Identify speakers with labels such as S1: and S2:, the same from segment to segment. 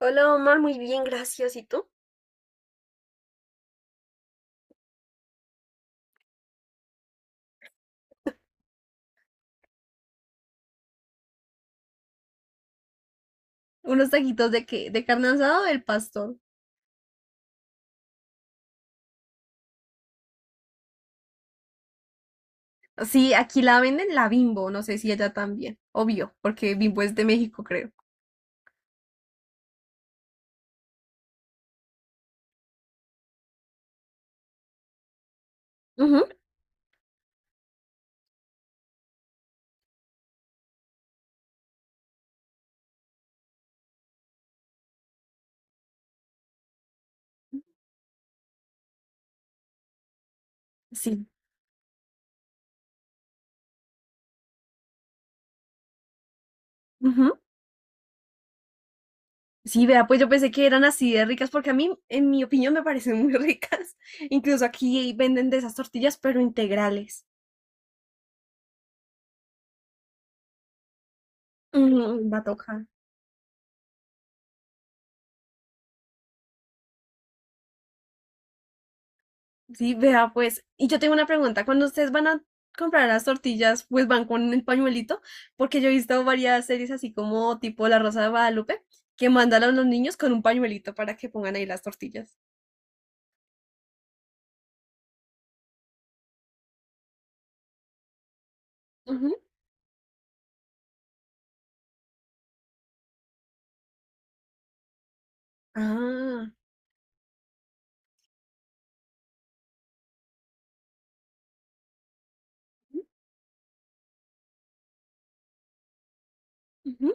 S1: Hola Omar, muy bien, gracias. ¿Y tú? ¿Unos taquitos de qué? ¿De carne asada o del pastor? Sí, aquí la venden la Bimbo, no sé si allá también. Obvio, porque Bimbo es de México, creo. Ujú. Sí. Ujú. Sí, vea, pues yo pensé que eran así de ricas, porque a mí, en mi opinión, me parecen muy ricas. Incluso aquí venden de esas tortillas, pero integrales. Mm, va a tocar. Sí, vea, pues, y yo tengo una pregunta. Cuando ustedes van a comprar las tortillas, pues van con el pañuelito, porque yo he visto varias series así como tipo La Rosa de Guadalupe, que mandan a los niños con un pañuelito para que pongan ahí las tortillas. Ujú. Ah, ujú.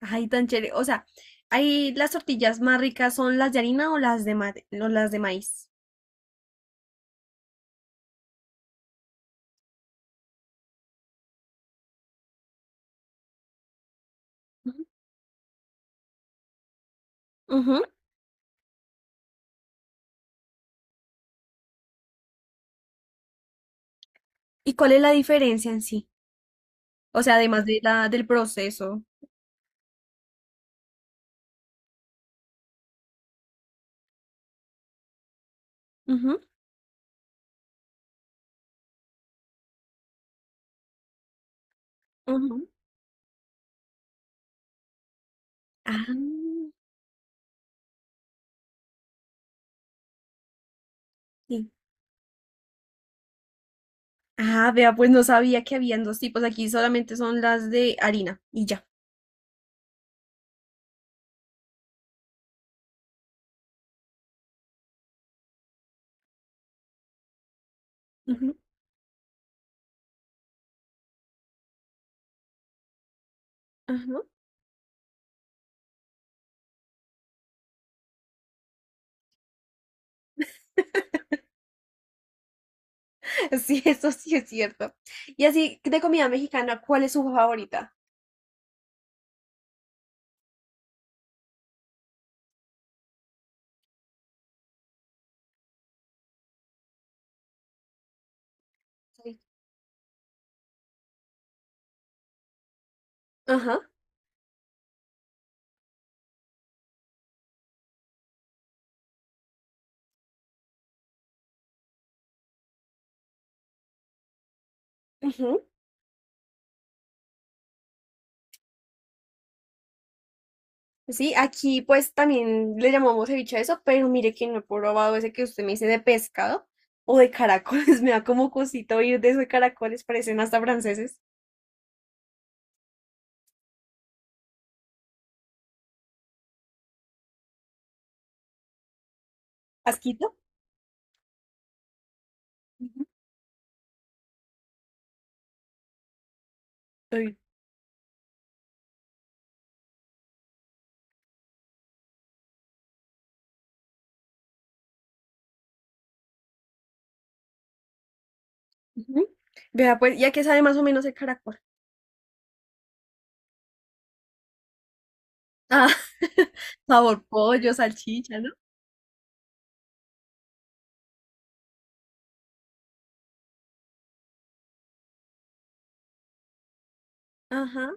S1: Ay, tan chévere. O sea, ahí las tortillas más ricas son las de harina o o las de maíz. Ujú. Ujú. ¿Y cuál es la diferencia en sí? O sea, además del proceso. Ujú, ujú. Ah, sí. Ah, vea, pues no sabía que habían dos tipos. Aquí solamente son las de harina y ya. Ujú, ajá. Sí, eso sí es cierto. Y así, de comida mexicana, ¿cuál es su favorita? Sí. Ajá. Ujú. Sí, aquí pues también le llamamos ceviche a eso, pero mire que no he probado ese que usted me dice de pescado o de caracoles. Me da como cosito oír de esos caracoles, parecen hasta franceses. ¿Asquito? Ujú. Ay, ujú. Vea, pues, ¿ya que sabe más o menos el caracol? Ah, sabor pollo, salchicha, ¿no? Ajá.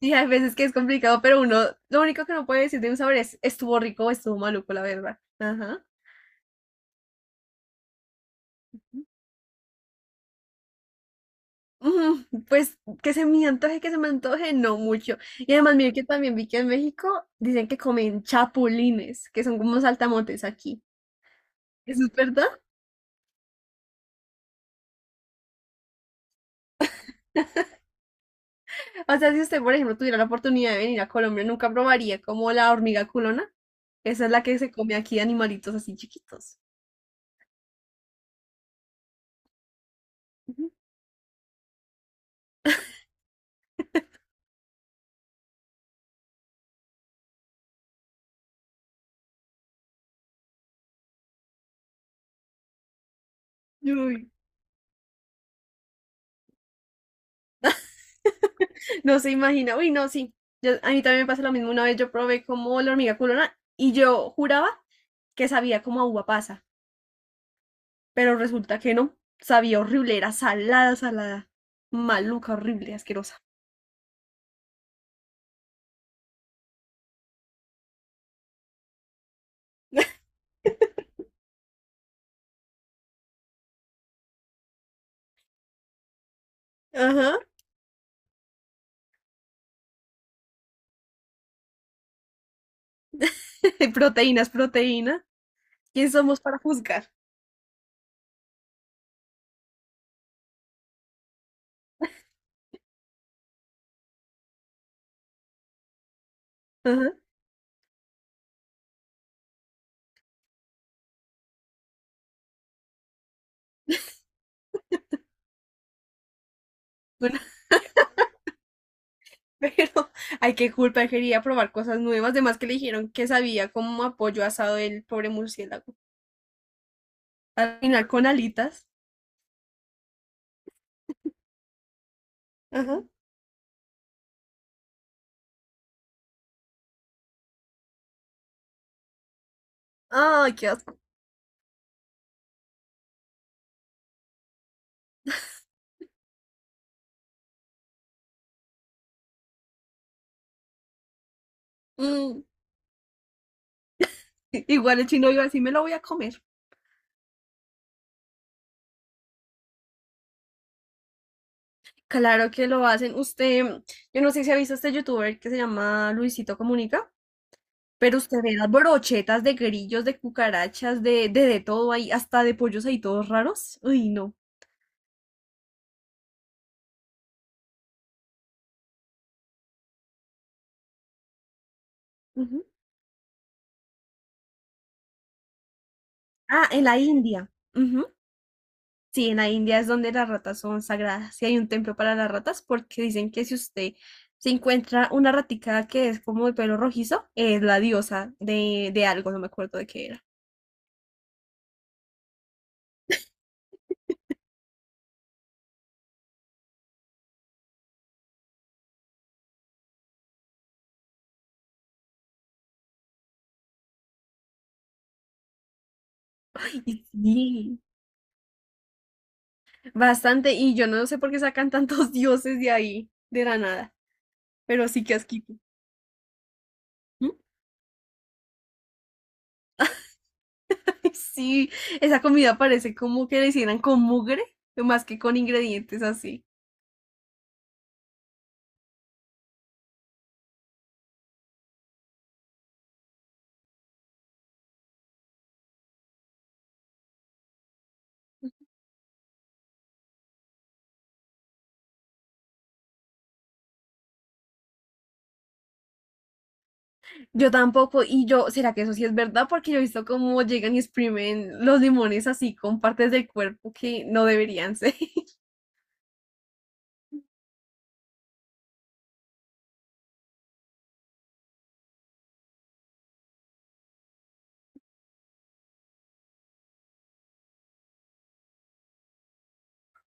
S1: Sí, hay veces que es complicado, pero uno, lo único que no puede decir de un sabor es, estuvo rico o estuvo maluco, la verdad. Ajá. Ujú. Pues que se me antoje, que se me antoje, no mucho. Y además, mire que también vi que en México dicen que comen chapulines, que son como saltamontes aquí. ¿Eso es verdad? O sea, si usted, por ejemplo, tuviera la oportunidad de venir a Colombia, nunca probaría como la hormiga culona. Esa es la que se come aquí de animalitos así chiquitos. Ujú. Uy. No se imagina. Uy, no, sí. Yo, a mí también me pasa lo mismo. Una vez yo probé como la hormiga culona y yo juraba que sabía como a uva pasa, pero resulta que no. Sabía horrible, era salada, salada. Maluca, horrible, asquerosa. Ajá. Proteínas, proteína. ¿Quién somos para juzgar? Ajá. Bueno, pero hay que culpa, él quería probar cosas nuevas. Además que le dijeron que sabía como a pollo asado del pobre murciélago. Al final con alitas. Ajá. Ay, qué asco. Mm. Igual el chino iba a decir, me lo voy a comer. Claro que lo hacen. Usted, yo no sé si ha visto este youtuber que se llama Luisito Comunica, pero usted ve las brochetas de grillos, de cucarachas, de todo ahí, hasta de pollos ahí todos raros. Uy, no. Ujú. Ah, en la India. Ujú. Sí, en la India es donde las ratas son sagradas. Y hay un templo para las ratas porque dicen que si usted se encuentra una ratica que es como de pelo rojizo, es la diosa de algo, no me acuerdo de qué era. Y sí. Bastante, y yo no sé por qué sacan tantos dioses de ahí, de la nada, pero sí que asquito. ¿Mm? Sí, esa comida parece como que la hicieran con mugre, más que con ingredientes así. Yo tampoco, y yo, ¿será que eso sí es verdad? Porque yo he visto cómo llegan y exprimen los limones así con partes del cuerpo que no deberían ser. Mm.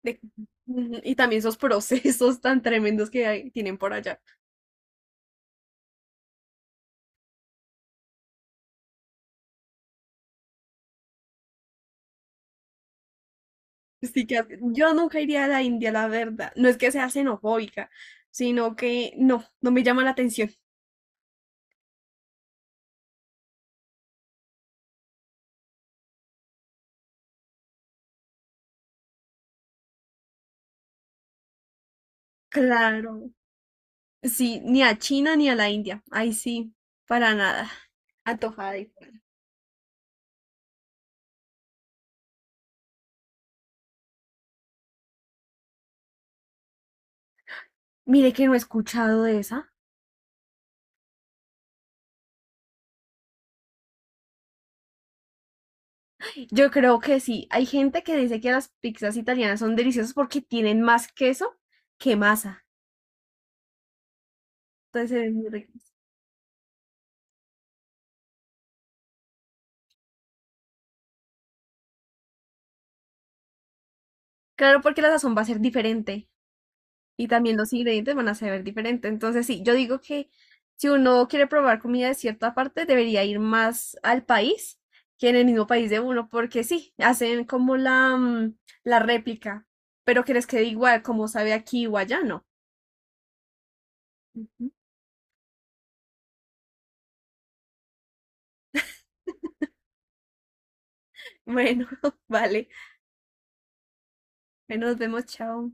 S1: de- Ujú, y también esos procesos tan tremendos que tienen por allá. Pues sí que yo nunca iría a la India, la verdad. No es que sea xenofóbica, sino que no me llama la atención. Claro. Sí, ni a China ni a la India. Ahí sí, para nada. Antojada. Mire que no he escuchado de esa. Yo creo que sí. Hay gente que dice que las pizzas italianas son deliciosas porque tienen más queso que masa. Entonces se ven muy ricas. Claro, porque la sazón va a ser diferente y también los ingredientes van a ser diferentes. Entonces sí, yo digo que si uno quiere probar comida de cierta parte, debería ir más al país que en el mismo país de uno, porque sí, hacen como la, la réplica, pero que les quede igual como sabe aquí o allá, no. Ujú. Bueno, vale. Ahí nos vemos, chao.